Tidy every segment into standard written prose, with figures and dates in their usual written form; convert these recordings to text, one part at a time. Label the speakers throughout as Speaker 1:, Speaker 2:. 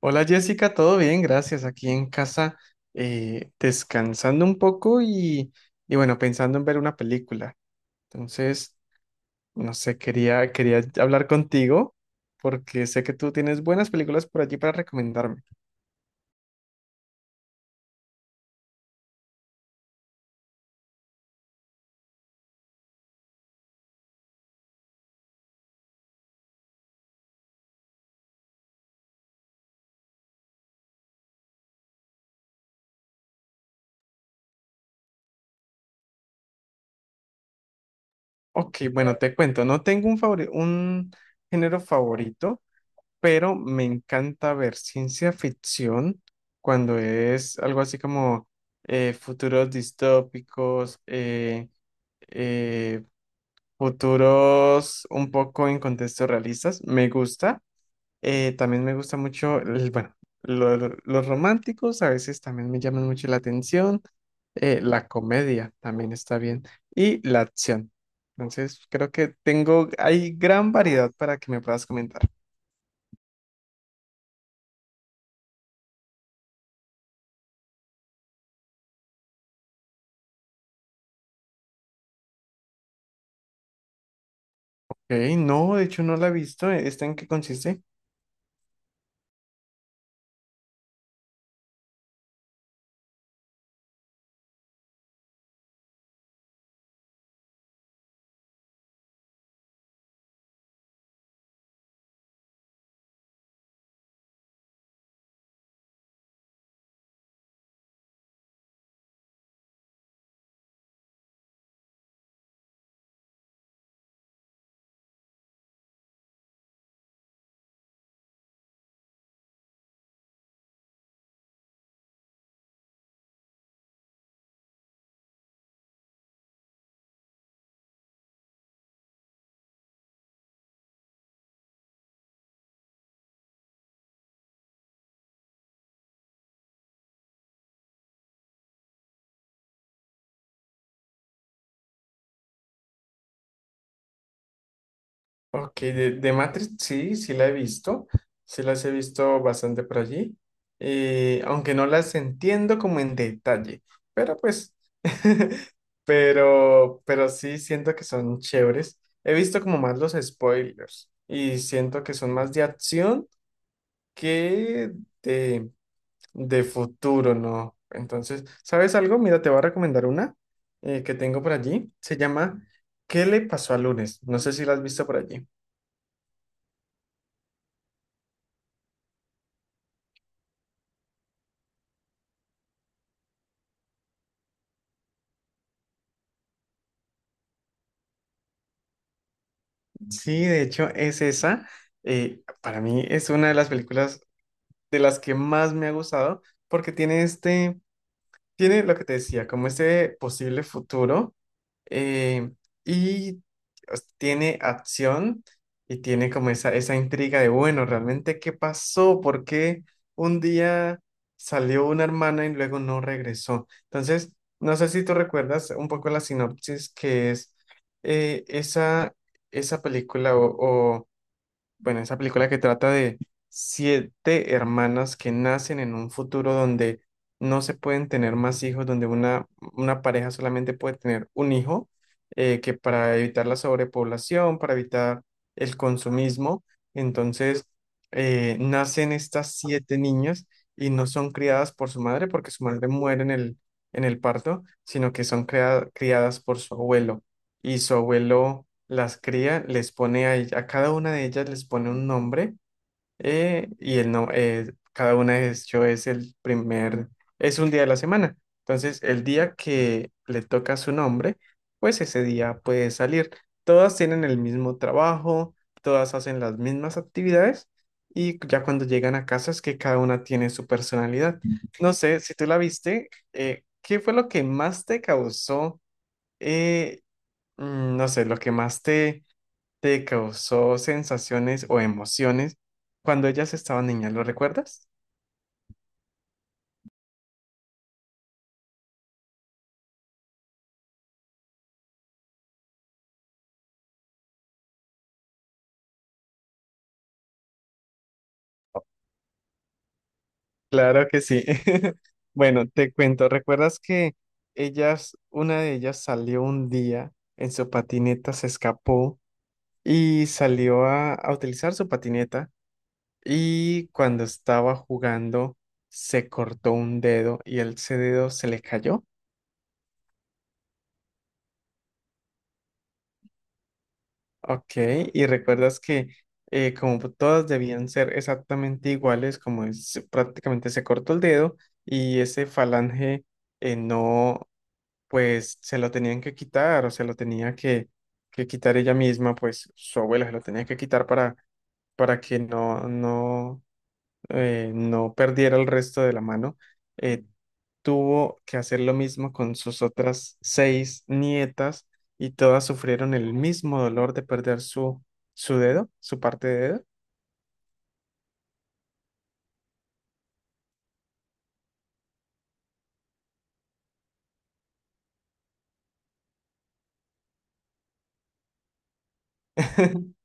Speaker 1: Hola Jessica, todo bien, gracias. Aquí en casa descansando un poco y bueno, pensando en ver una película. Entonces, no sé, quería hablar contigo porque sé que tú tienes buenas películas por allí para recomendarme. Ok, bueno, te cuento, no tengo un género favorito, pero me encanta ver ciencia ficción cuando es algo así como futuros distópicos. Eh, Futuros un poco en contextos realistas, me gusta. También me gusta mucho, bueno, los románticos a veces también me llaman mucho la atención. La comedia también está bien. Y la acción. Entonces, creo que tengo, hay gran variedad para que me puedas comentar. Ok, no, de hecho no la he visto. ¿Esta en qué consiste? Ok, de Matrix sí, sí la he visto, sí las he visto bastante por allí, aunque no las entiendo como en detalle, pero pues, pero sí siento que son chéveres. He visto como más los spoilers y siento que son más de acción que de, de futuro, ¿no? Entonces, ¿sabes algo? Mira, te voy a recomendar una que tengo por allí, se llama ¿Qué le pasó al lunes? No sé si la has visto por allí. Sí, de hecho es esa. Para mí es una de las películas de las que más me ha gustado porque tiene tiene lo que te decía, como ese posible futuro, eh, y pues, tiene acción y tiene como esa intriga de, bueno, realmente, ¿qué pasó? ¿Por qué un día salió una hermana y luego no regresó? Entonces, no sé si tú recuerdas un poco la sinopsis que es eh, esa, esa película o bueno, esa película que trata de siete hermanas que nacen en un futuro donde no se pueden tener más hijos, donde una pareja solamente puede tener un hijo, que para evitar la sobrepoblación, para evitar el consumismo, entonces nacen estas siete niñas y no son criadas por su madre porque su madre muere en el parto, sino que son criadas por su abuelo. Y su abuelo las cría, les pone a cada una de ellas les pone un nombre, y el no, cada una de hecho es un día de la semana. Entonces, el día que le toca su nombre, pues ese día puede salir. Todas tienen el mismo trabajo, todas hacen las mismas actividades y ya cuando llegan a casa es que cada una tiene su personalidad. No sé, si tú la viste, ¿qué fue lo que más te causó? eh, no sé, lo que más te causó sensaciones o emociones cuando ellas estaban niñas, ¿lo recuerdas? Claro que sí. Bueno, te cuento, ¿recuerdas que ellas, una de ellas salió un día en su patineta, se escapó y salió a utilizar su patineta y cuando estaba jugando se cortó un dedo y el ese dedo se le cayó? Ok, y recuerdas que como todas debían ser exactamente iguales, prácticamente se cortó el dedo y ese falange, no, pues se lo tenían que quitar o se lo tenía que quitar ella misma, pues su abuela se lo tenía que quitar para que no, no perdiera el resto de la mano. eh, Tuvo que hacer lo mismo con sus otras seis nietas y todas sufrieron el mismo dolor de perder su dedo, su parte de dedo.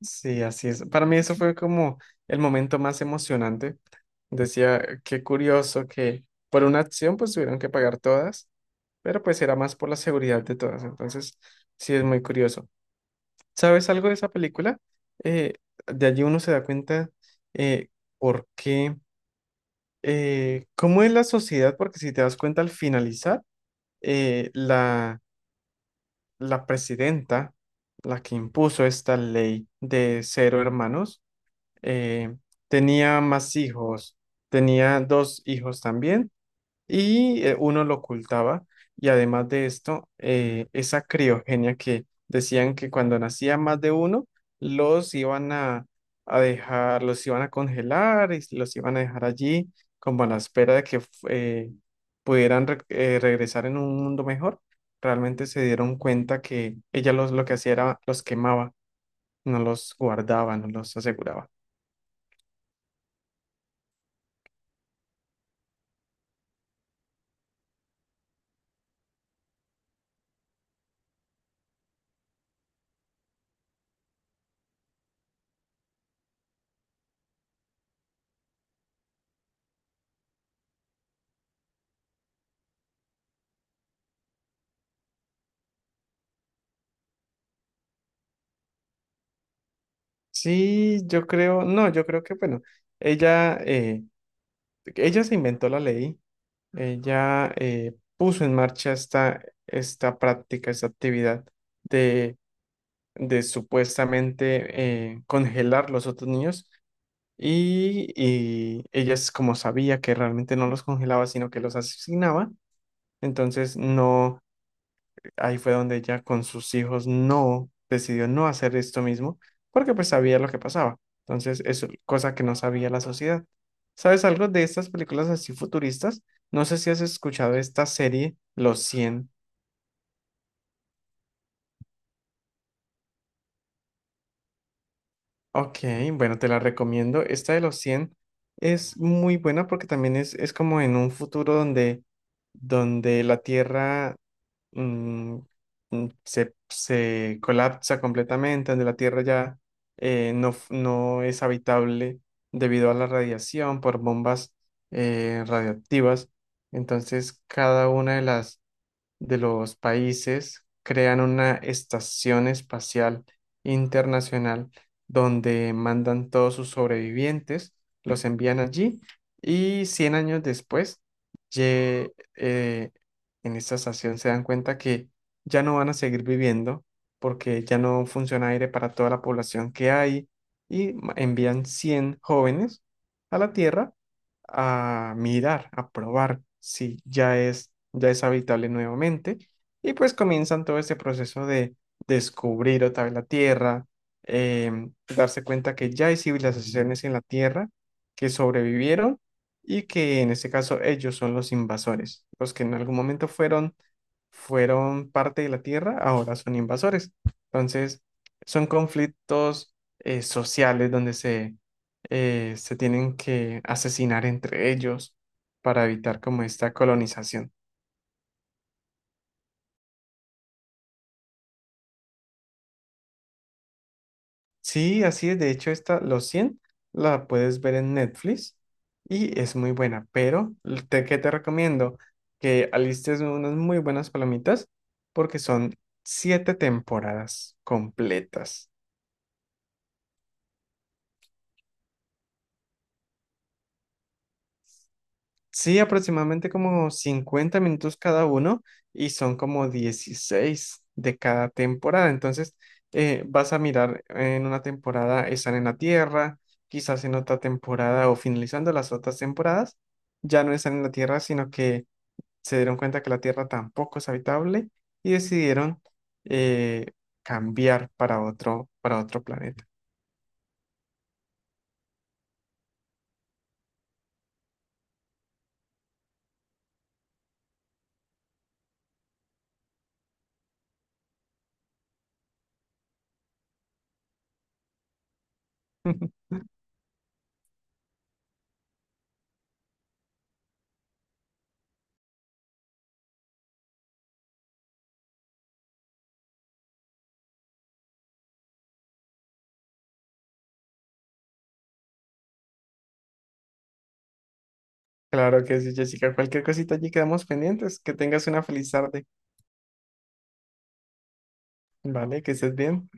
Speaker 1: Sí, así es. Para mí eso fue como el momento más emocionante. Decía, qué curioso que por una acción pues tuvieron que pagar todas, pero pues era más por la seguridad de todas. Entonces, sí es muy curioso. ¿Sabes algo de esa película? Eh, de allí uno se da cuenta, eh, por qué, cómo es la sociedad, porque si te das cuenta al finalizar, eh, la, la presidenta, la que impuso esta ley de cero hermanos, eh, tenía más hijos, tenía dos hijos también y uno lo ocultaba. Y además de esto, esa criogenia que decían que cuando nacía más de uno, los iban a dejar, los iban a congelar y los iban a dejar allí como a la espera de que eh, pudieran regresar en un mundo mejor. Realmente se dieron cuenta que ella lo que hacía era los quemaba, no los guardaba, no los aseguraba. Sí, yo creo, no, yo creo que, bueno, ella, eh, ella se inventó la ley, ella puso en marcha esta práctica, esta actividad de, de supuestamente, congelar los otros niños. Y ella es como sabía que realmente no los congelaba, sino que los asesinaba. Entonces, no, ahí fue donde ella con sus hijos no decidió no hacer esto mismo, porque pues sabía lo que pasaba. Entonces, es cosa que no sabía la sociedad. ¿Sabes algo de estas películas así futuristas? No sé si has escuchado esta serie, Los 100. Ok, bueno, te la recomiendo. Esta de Los 100 es muy buena porque también es como en un futuro donde la Tierra mm, se colapsa completamente, donde la Tierra ya no es habitable debido a la radiación por bombas, radioactivas. Entonces, cada una de los países crean una estación espacial internacional donde mandan todos sus sobrevivientes, los envían allí y 100 años después, ye- eh, en esta estación se dan cuenta que ya no van a seguir viviendo porque ya no funciona aire para toda la población que hay y envían 100 jóvenes a la Tierra a mirar, a probar si ya es habitable nuevamente. Y pues comienzan todo este proceso de descubrir otra vez la Tierra, darse cuenta que ya hay civilizaciones en la Tierra que sobrevivieron y que en este caso ellos son los invasores, los que en algún momento fueron parte de la Tierra, ahora son invasores. Entonces, son conflictos sociales donde se tienen que asesinar entre ellos para evitar como esta colonización. Sí, así es. De hecho, esta, Los 100 la puedes ver en Netflix y es muy buena, pero ¿qué te recomiendo? Que alistes unas muy buenas palomitas porque son siete temporadas completas. Sí, aproximadamente como 50 minutos cada uno y son como 16 de cada temporada. Entonces, vas a mirar en una temporada están en la Tierra, quizás en otra temporada o finalizando las otras temporadas, ya no están en la Tierra, sino que se dieron cuenta que la Tierra tampoco es habitable y decidieron eh, cambiar para otro planeta. Claro que sí, Jessica. Cualquier cosita allí quedamos pendientes. Que tengas una feliz tarde. Vale, que estés bien.